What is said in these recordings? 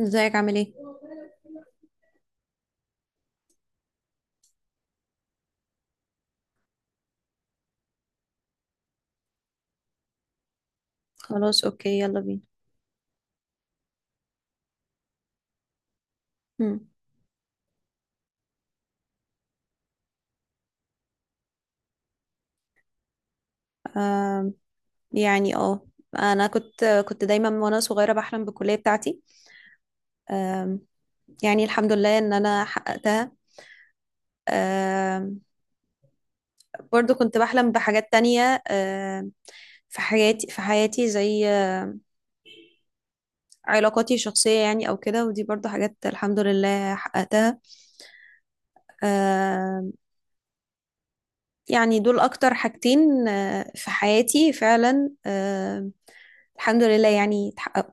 ازيك عامل ايه؟ خلاص، اوكي، يلا بينا. هم. آم، يعني انا كنت دايما وانا صغيره بحلم بالكليه بتاعتي. آم، يعني الحمد لله ان انا حققتها. آم، برضو كنت بحلم بحاجات تانية. في حياتي زي علاقاتي الشخصيه يعني او كده، ودي برضو حاجات الحمد لله حققتها. آم، يعني دول اكتر حاجتين في حياتي فعلا. الحمد لله يعني اتحققوا.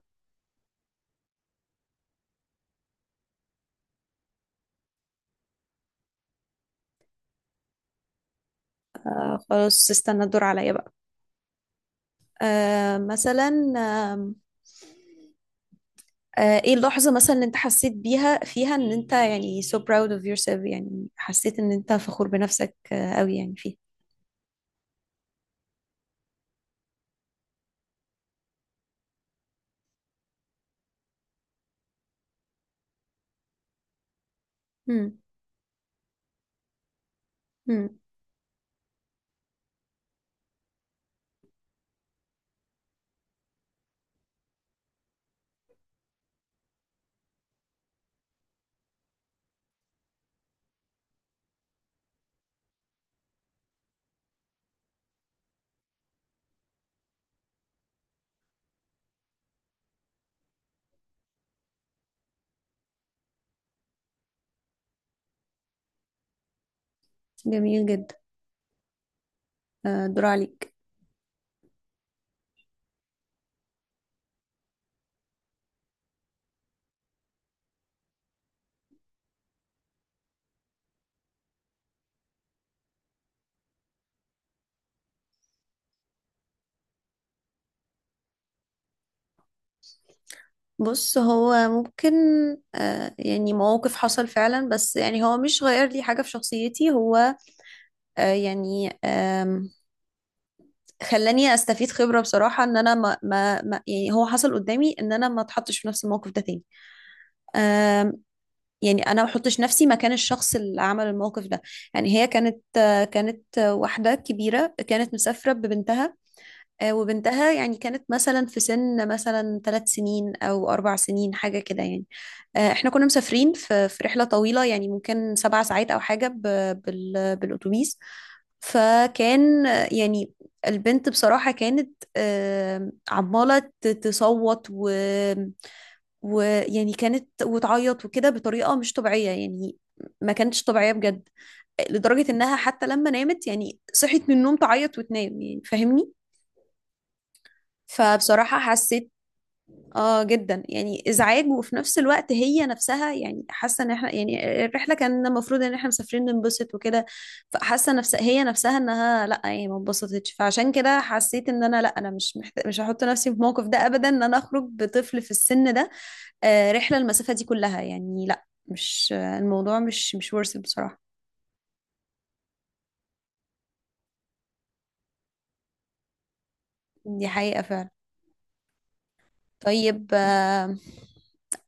خلاص، استنى الدور عليا بقى. مثلا، آم، ايه اللحظة مثلا اللي انت حسيت بيها فيها ان انت يعني so proud of yourself، يعني حسيت ان انت فخور بنفسك قوي؟ يعني فيه؟ مم. مم. جميل جدا. الدور عليك. بص، هو ممكن يعني مواقف حصل فعلا، بس يعني هو مش غير لي حاجة في شخصيتي. هو يعني خلاني استفيد خبرة بصراحة ان انا يعني هو حصل قدامي ان انا ما اتحطش في نفس الموقف ده تاني. يعني انا ما بحطش نفسي مكان الشخص اللي عمل الموقف ده. يعني هي كانت، واحده كبيره، كانت مسافره ببنتها. وبنتها يعني كانت مثلا في سن مثلا 3 سنين او 4 سنين حاجه كده يعني. احنا كنا مسافرين في رحله طويله، يعني ممكن 7 ساعات او حاجه بالاتوبيس. فكان يعني البنت بصراحه كانت عماله تصوت، ويعني كانت وتعيط وكده بطريقة مش طبيعية يعني. ما كانتش طبيعية بجد، لدرجة إنها حتى لما نامت يعني صحيت من النوم تعيط وتنام، يعني فاهمني. فبصراحة حسيت اه جدا، يعني ازعاج. وفي نفس الوقت هي نفسها يعني حاسة ان احنا يعني الرحلة كان المفروض ان احنا مسافرين ننبسط وكده، فحاسة نفسها هي نفسها انها لا، يعني ما انبسطتش. فعشان كده حسيت ان انا، لا، انا مش هحط نفسي في الموقف ده ابدا، ان انا اخرج بطفل في السن ده رحلة المسافة دي كلها. يعني لا، مش الموضوع مش worth it بصراحة. دي حقيقة فعلا. طيب،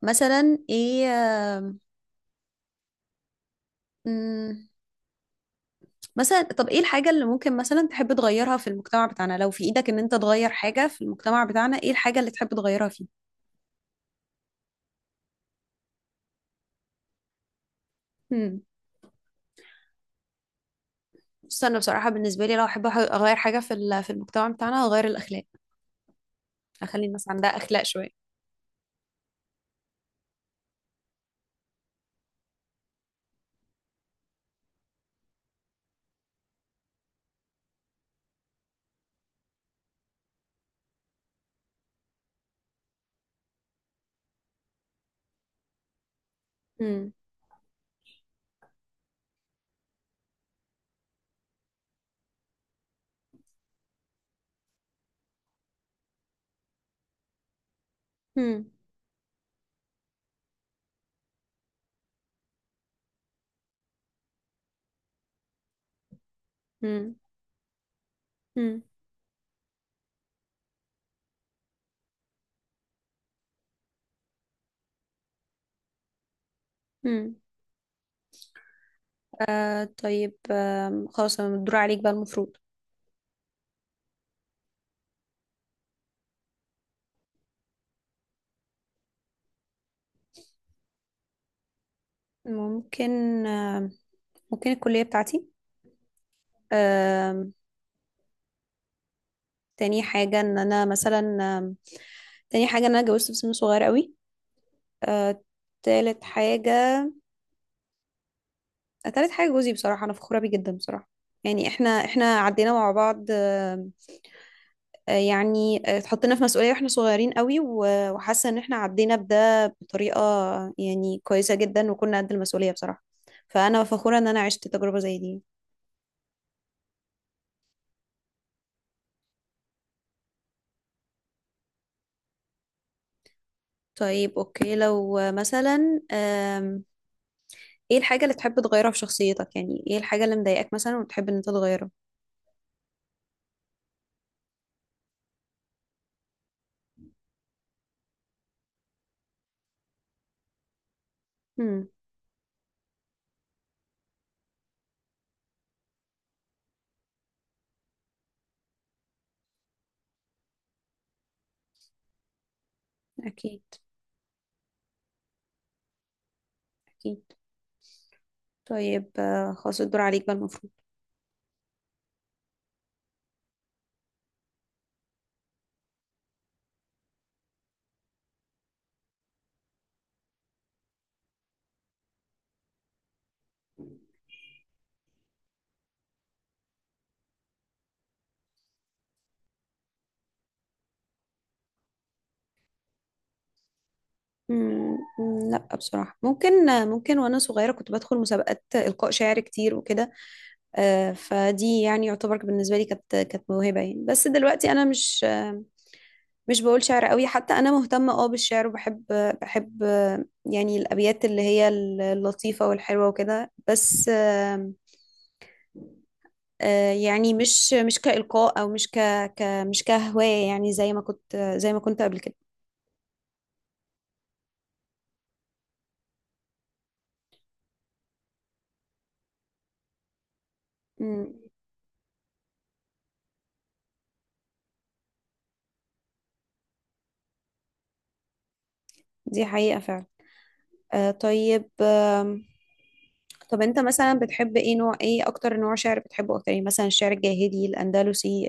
مثلا ايه؟ مم. مثلا، طب ايه الحاجة اللي ممكن مثلا تحب تغيرها في المجتمع بتاعنا؟ لو في ايدك ان انت تغير حاجة في المجتمع بتاعنا، ايه الحاجة اللي تحب تغيرها فيه؟ مم. بص، انا بصراحة بالنسبة لي لو احب اغير حاجة في في المجتمع بتاعنا، هغير الاخلاق. اخلي الناس عندها اخلاق شوية. مم. مم. مم. مم. مم. طيب، خلاص، انا الدور عليك بقى المفروض. ممكن، آه ممكن الكلية بتاعتي. آه تاني حاجة ان انا مثلا، تاني حاجة ان انا اتجوزت في سن صغير قوي. آه تالت حاجة، تالت حاجة جوزي بصراحة، انا فخورة بيه جدا بصراحة. يعني احنا، عدينا مع بعض. يعني اتحطينا في مسؤولية واحنا صغيرين قوي، وحاسة ان احنا عدينا بده بطريقة يعني كويسة جدا، وكنا قد المسؤولية بصراحة. فانا فخورة ان انا عشت تجربة زي دي. طيب، اوكي، لو مثلا ايه الحاجة اللي تحب تغيرها في شخصيتك؟ يعني ايه الحاجة اللي مضايقاك مثلا وتحب ان انت تغيرها؟ امم. اكيد. اكيد. طيب، خلاص الدور عليك بقى المفروض. امم. لا، بصراحة ممكن، وانا صغيرة كنت بدخل مسابقات إلقاء شعر كتير وكده. فدي يعني يعتبر بالنسبة لي كانت، موهبة يعني. بس دلوقتي أنا مش مش بقول شعر قوي. حتى أنا مهتمة بالشعر، وبحب يعني الأبيات اللي هي اللطيفة والحلوة وكده. بس يعني مش كإلقاء، أو مش ك، ك، مش كهواية، يعني زي ما كنت، قبل كده. مم. دي حقيقة فعلا. طيب، طب انت مثلا بتحب ايه؟ نوع ايه؟ اكتر نوع شعر بتحبه اكتر يعني؟ مثلا الشعر الجاهلي، الاندلسي،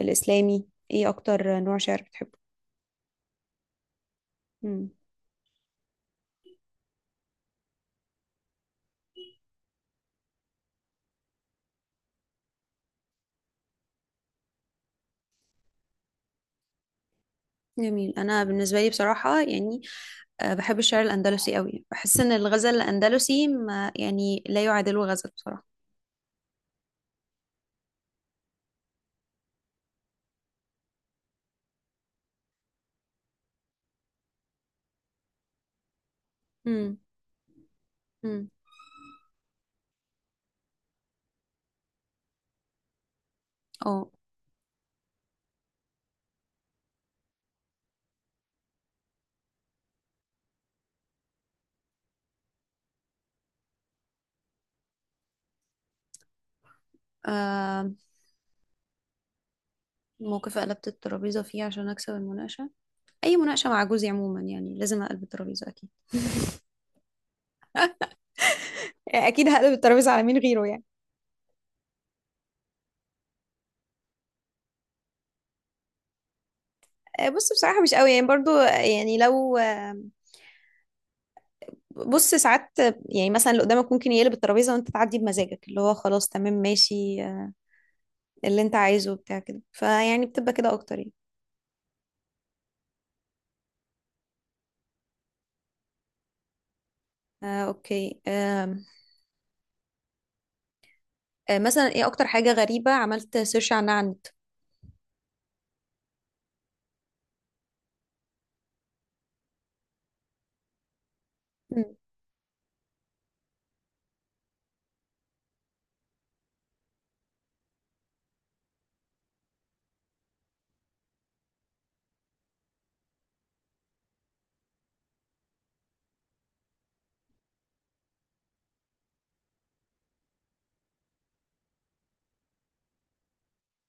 الإسلامي، ايه أكتر نوع شعر بتحبه؟ مم. جميل. أنا بالنسبة لي بصراحة يعني بحب الشعر الأندلسي قوي. بحس إن الغزل الأندلسي ما، يعني لا يعادله غزل بصراحة. مم. مم. اه. آه، موقف قلبت الترابيزة فيه عشان أكسب المناقشة؟ أي مناقشة مع جوزي عموما يعني لازم أقلب الترابيزة أكيد. اكيد هقلب الترابيزه على مين غيره يعني. بص، بصراحه مش قوي يعني. برضو يعني لو بص، ساعات يعني مثلا اللي قدامك ممكن يقلب الترابيزه وانت تعدي بمزاجك، اللي هو خلاص تمام ماشي، اللي انت عايزه وبتاع كده. فيعني بتبقى كده اكتر يعني. اوكي. مثلا، ايه اكتر حاجة غريبة عملت سيرش عنها على النت؟ مم.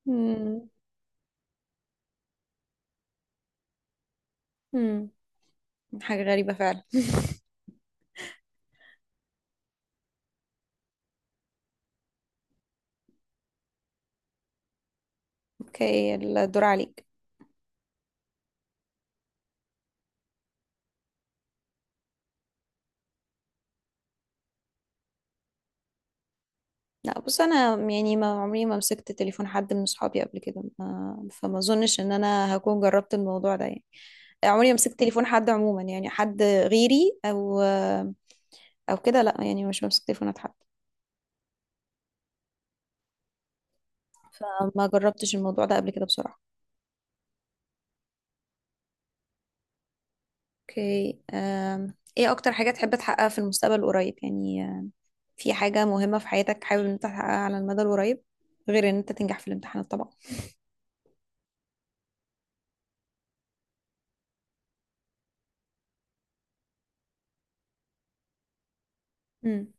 مم. مم. حاجة غريبة فعلا. اوكي، الدور عليك. لا، بص انا يعني ما عمري ما مسكت تليفون حد من صحابي قبل كده، ما فما اظنش ان انا هكون جربت الموضوع ده يعني. عمري ما مسكت تليفون حد عموما، يعني حد غيري او كده، لا، يعني مش بمسك تليفونات حد. فما جربتش الموضوع ده قبل كده بصراحة. اوكي. ايه اكتر حاجة تحب تحققها في المستقبل القريب؟ يعني في حاجة مهمة في حياتك حابب ان انت تحققها على المدى القريب غير ان انت تنجح في الامتحانات طبعا؟ امم.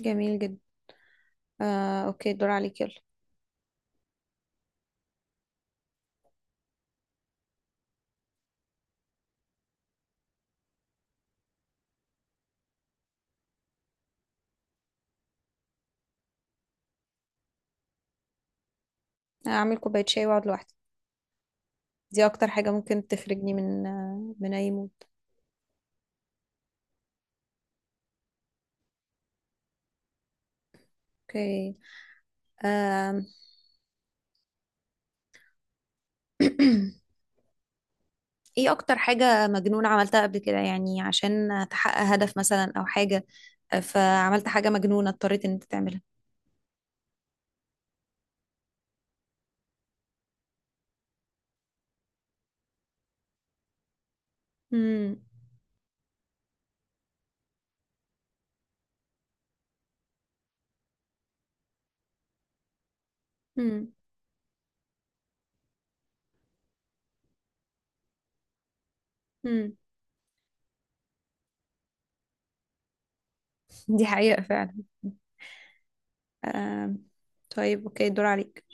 جميل جدا. اوكي، الدور عليك يلا. اعمل كوباية شاي واقعد لوحدي. دي اكتر حاجة ممكن تخرجني من اي مود. اوكي. أم. ايه اكتر حاجة مجنون عملتها قبل كده يعني عشان تحقق هدف مثلا او حاجة؟ فعملت حاجة مجنونة اضطريت ان انت تعملها. امم. امم. دي حقيقة فعلا. آم، طيب، اوكي، الدور عليك.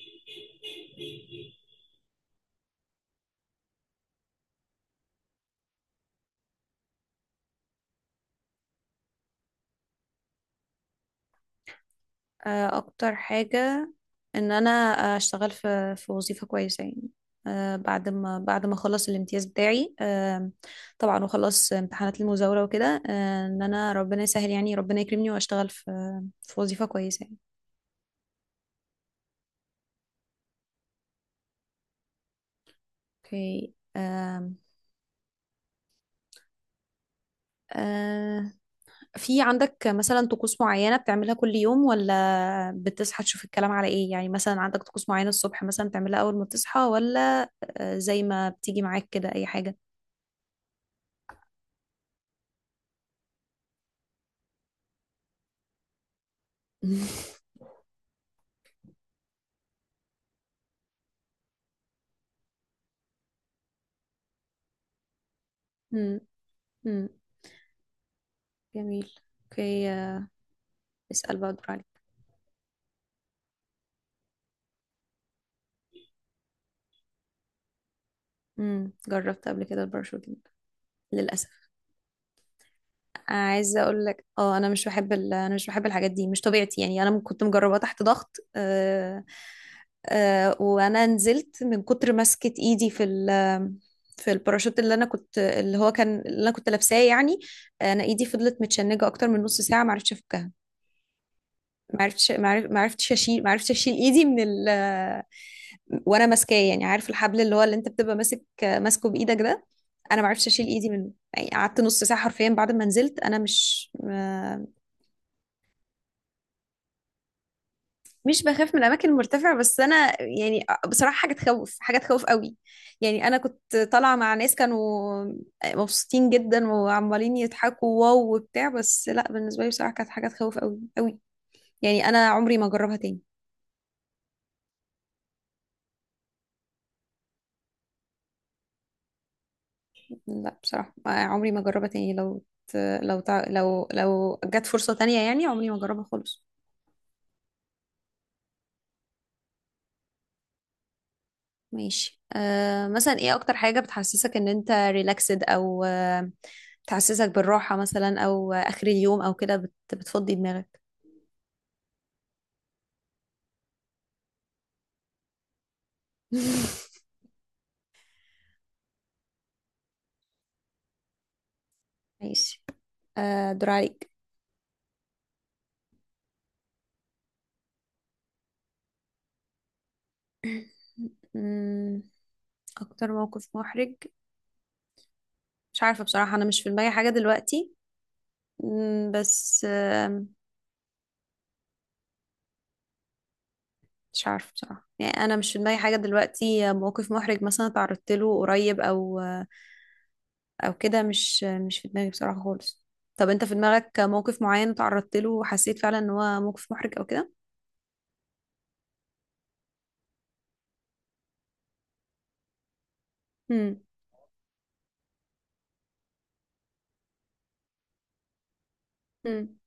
اكتر حاجة ان انا اشتغل في وظيفة كويسة يعني. بعد ما، اخلص الامتياز بتاعي، طبعا، واخلص امتحانات المزاولة وكده. ان انا ربنا يسهل، يعني ربنا يكرمني واشتغل في في وظيفة كويسة يعني. اوكي. آه، في عندك مثلا طقوس معينة بتعملها كل يوم، ولا بتصحى تشوف الكلام على ايه؟ يعني مثلا عندك طقوس معينة الصبح مثلا بتعملها اول ما تصحى، ولا زي ما بتيجي معاك كده اي حاجة؟ امم. امم. جميل. اوكي، اسأل بقى، دور عليك. امم. جربت قبل كده الباراشوتنج، للأسف. عايزه اقول لك، انا مش بحب الحاجات دي، مش طبيعتي يعني. انا كنت مجرباه تحت ضغط. وانا نزلت من كتر ماسكه ايدي في في الباراشوت، اللي انا كنت، اللي هو كان اللي انا كنت لابساه يعني. انا ايدي فضلت متشنجه اكتر من نص ساعه، ما عرفتش افكها. ما عرفتش ما عرف- ما عرفتش اشيل ما عرفتش اشيل ايدي من وانا ماسكاه، يعني عارف الحبل اللي هو اللي انت بتبقى ماسك ماسكه بايدك ده. انا ما عرفتش اشيل ايدي منه يعني، قعدت نص ساعه حرفيا بعد ما نزلت. انا مش بخاف من الاماكن المرتفعه، بس انا يعني بصراحه حاجه تخوف، حاجه تخوف قوي. يعني انا كنت طالعه مع ناس كانوا مبسوطين جدا وعمالين يضحكوا واو وبتاع، بس لا، بالنسبه لي بصراحه كانت حاجه تخوف قوي قوي. يعني انا عمري ما اجربها تاني. لا، بصراحه عمري ما اجربها تاني. لو جت فرصه تانية يعني، عمري ما اجربها خالص. ماشي. مثلا ايه اكتر حاجة بتحسسك ان انت ريلاكسد، او بتحسسك بالراحة مثلا، او اخر اليوم او كده بتفضي دماغك؟ ماشي. دور عليك. مم. اكتر موقف محرج، مش عارفة بصراحة، انا مش في دماغي حاجة دلوقتي. بس مش عارفة بصراحة. يعني أنا مش في دماغي حاجة دلوقتي موقف محرج مثلا تعرضت له قريب، أو كده، مش، في دماغي بصراحة خالص. طب أنت في دماغك موقف معين تعرضت له وحسيت فعلا إن هو موقف محرج أو كده؟ هم هم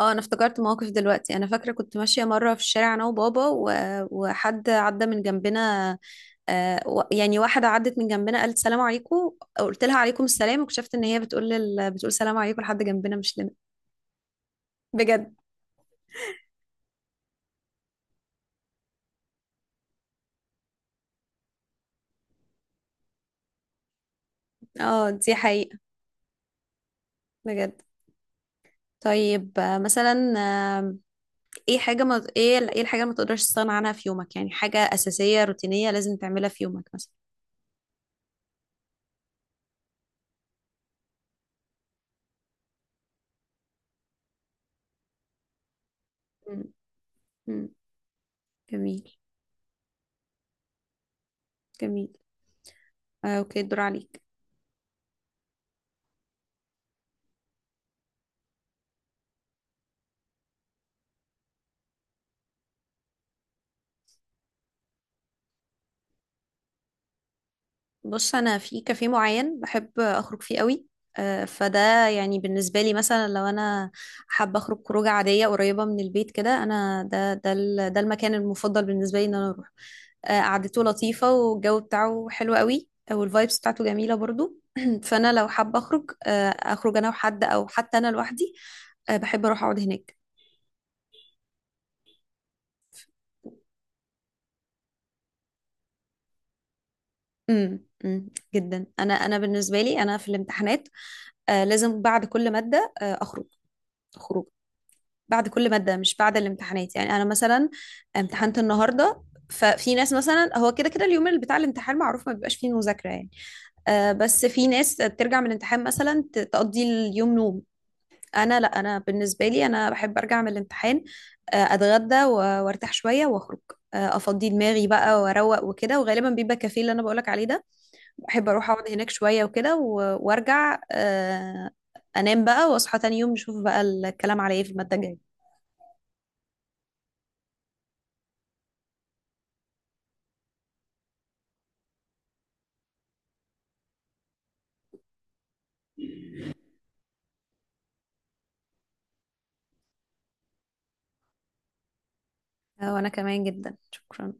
اه أنا افتكرت موقف دلوقتي. أنا فاكرة كنت ماشية مرة في الشارع، أنا وبابا وحد عدى من جنبنا. يعني واحدة عدت من جنبنا قالت سلام عليكم. قلت لها عليكم السلام، واكتشفت ان هي بتقول بتقول سلام عليكم لحد جنبنا مش لنا. بجد. اه، دي حقيقة، بجد. طيب، مثلا، آه، ايه الحاجة اللي ما تقدرش تستغنى عنها في يومك؟ يعني حاجة أساسية روتينية لازم تعملها في يومك مثلا؟ مم. مم. جميل. جميل. اوكي، الدور عليك. بص، انا في كافيه معين بحب اخرج فيه قوي. فده يعني بالنسبه لي مثلا، لو انا حابه اخرج خروجه عاديه قريبه من البيت كده، انا ده المكان المفضل بالنسبه لي ان انا اروح. قعدته لطيفه، والجو بتاعه حلو قوي، والفايبس بتاعته جميله برضو. فانا لو حابه اخرج، اخرج انا وحد، او حتى انا لوحدي. بحب اروح اقعد هناك. امم. أمم. جدا. انا، بالنسبه لي انا في الامتحانات لازم بعد كل ماده اخرج خروج. بعد كل مادة مش بعد الامتحانات، يعني أنا مثلا امتحنت النهاردة، ففي ناس مثلا هو كده كده اليوم اللي بتاع الامتحان معروف ما بيبقاش فيه مذاكرة يعني. بس في ناس بترجع من الامتحان مثلا تقضي اليوم نوم. أنا لا، أنا بالنسبة لي أنا بحب أرجع من الامتحان، أتغدى، وأرتاح شوية وأخرج. أفضي دماغي بقى وأروق وكده، وغالبا بيبقى كافيه اللي أنا بقولك عليه ده. بحب أروح أقعد هناك شوية وكده، وأرجع، أنام بقى، وأصحى تاني يوم نشوف بقى الكلام على إيه في المادة الجاية. وانا كمان جدا، شكرا.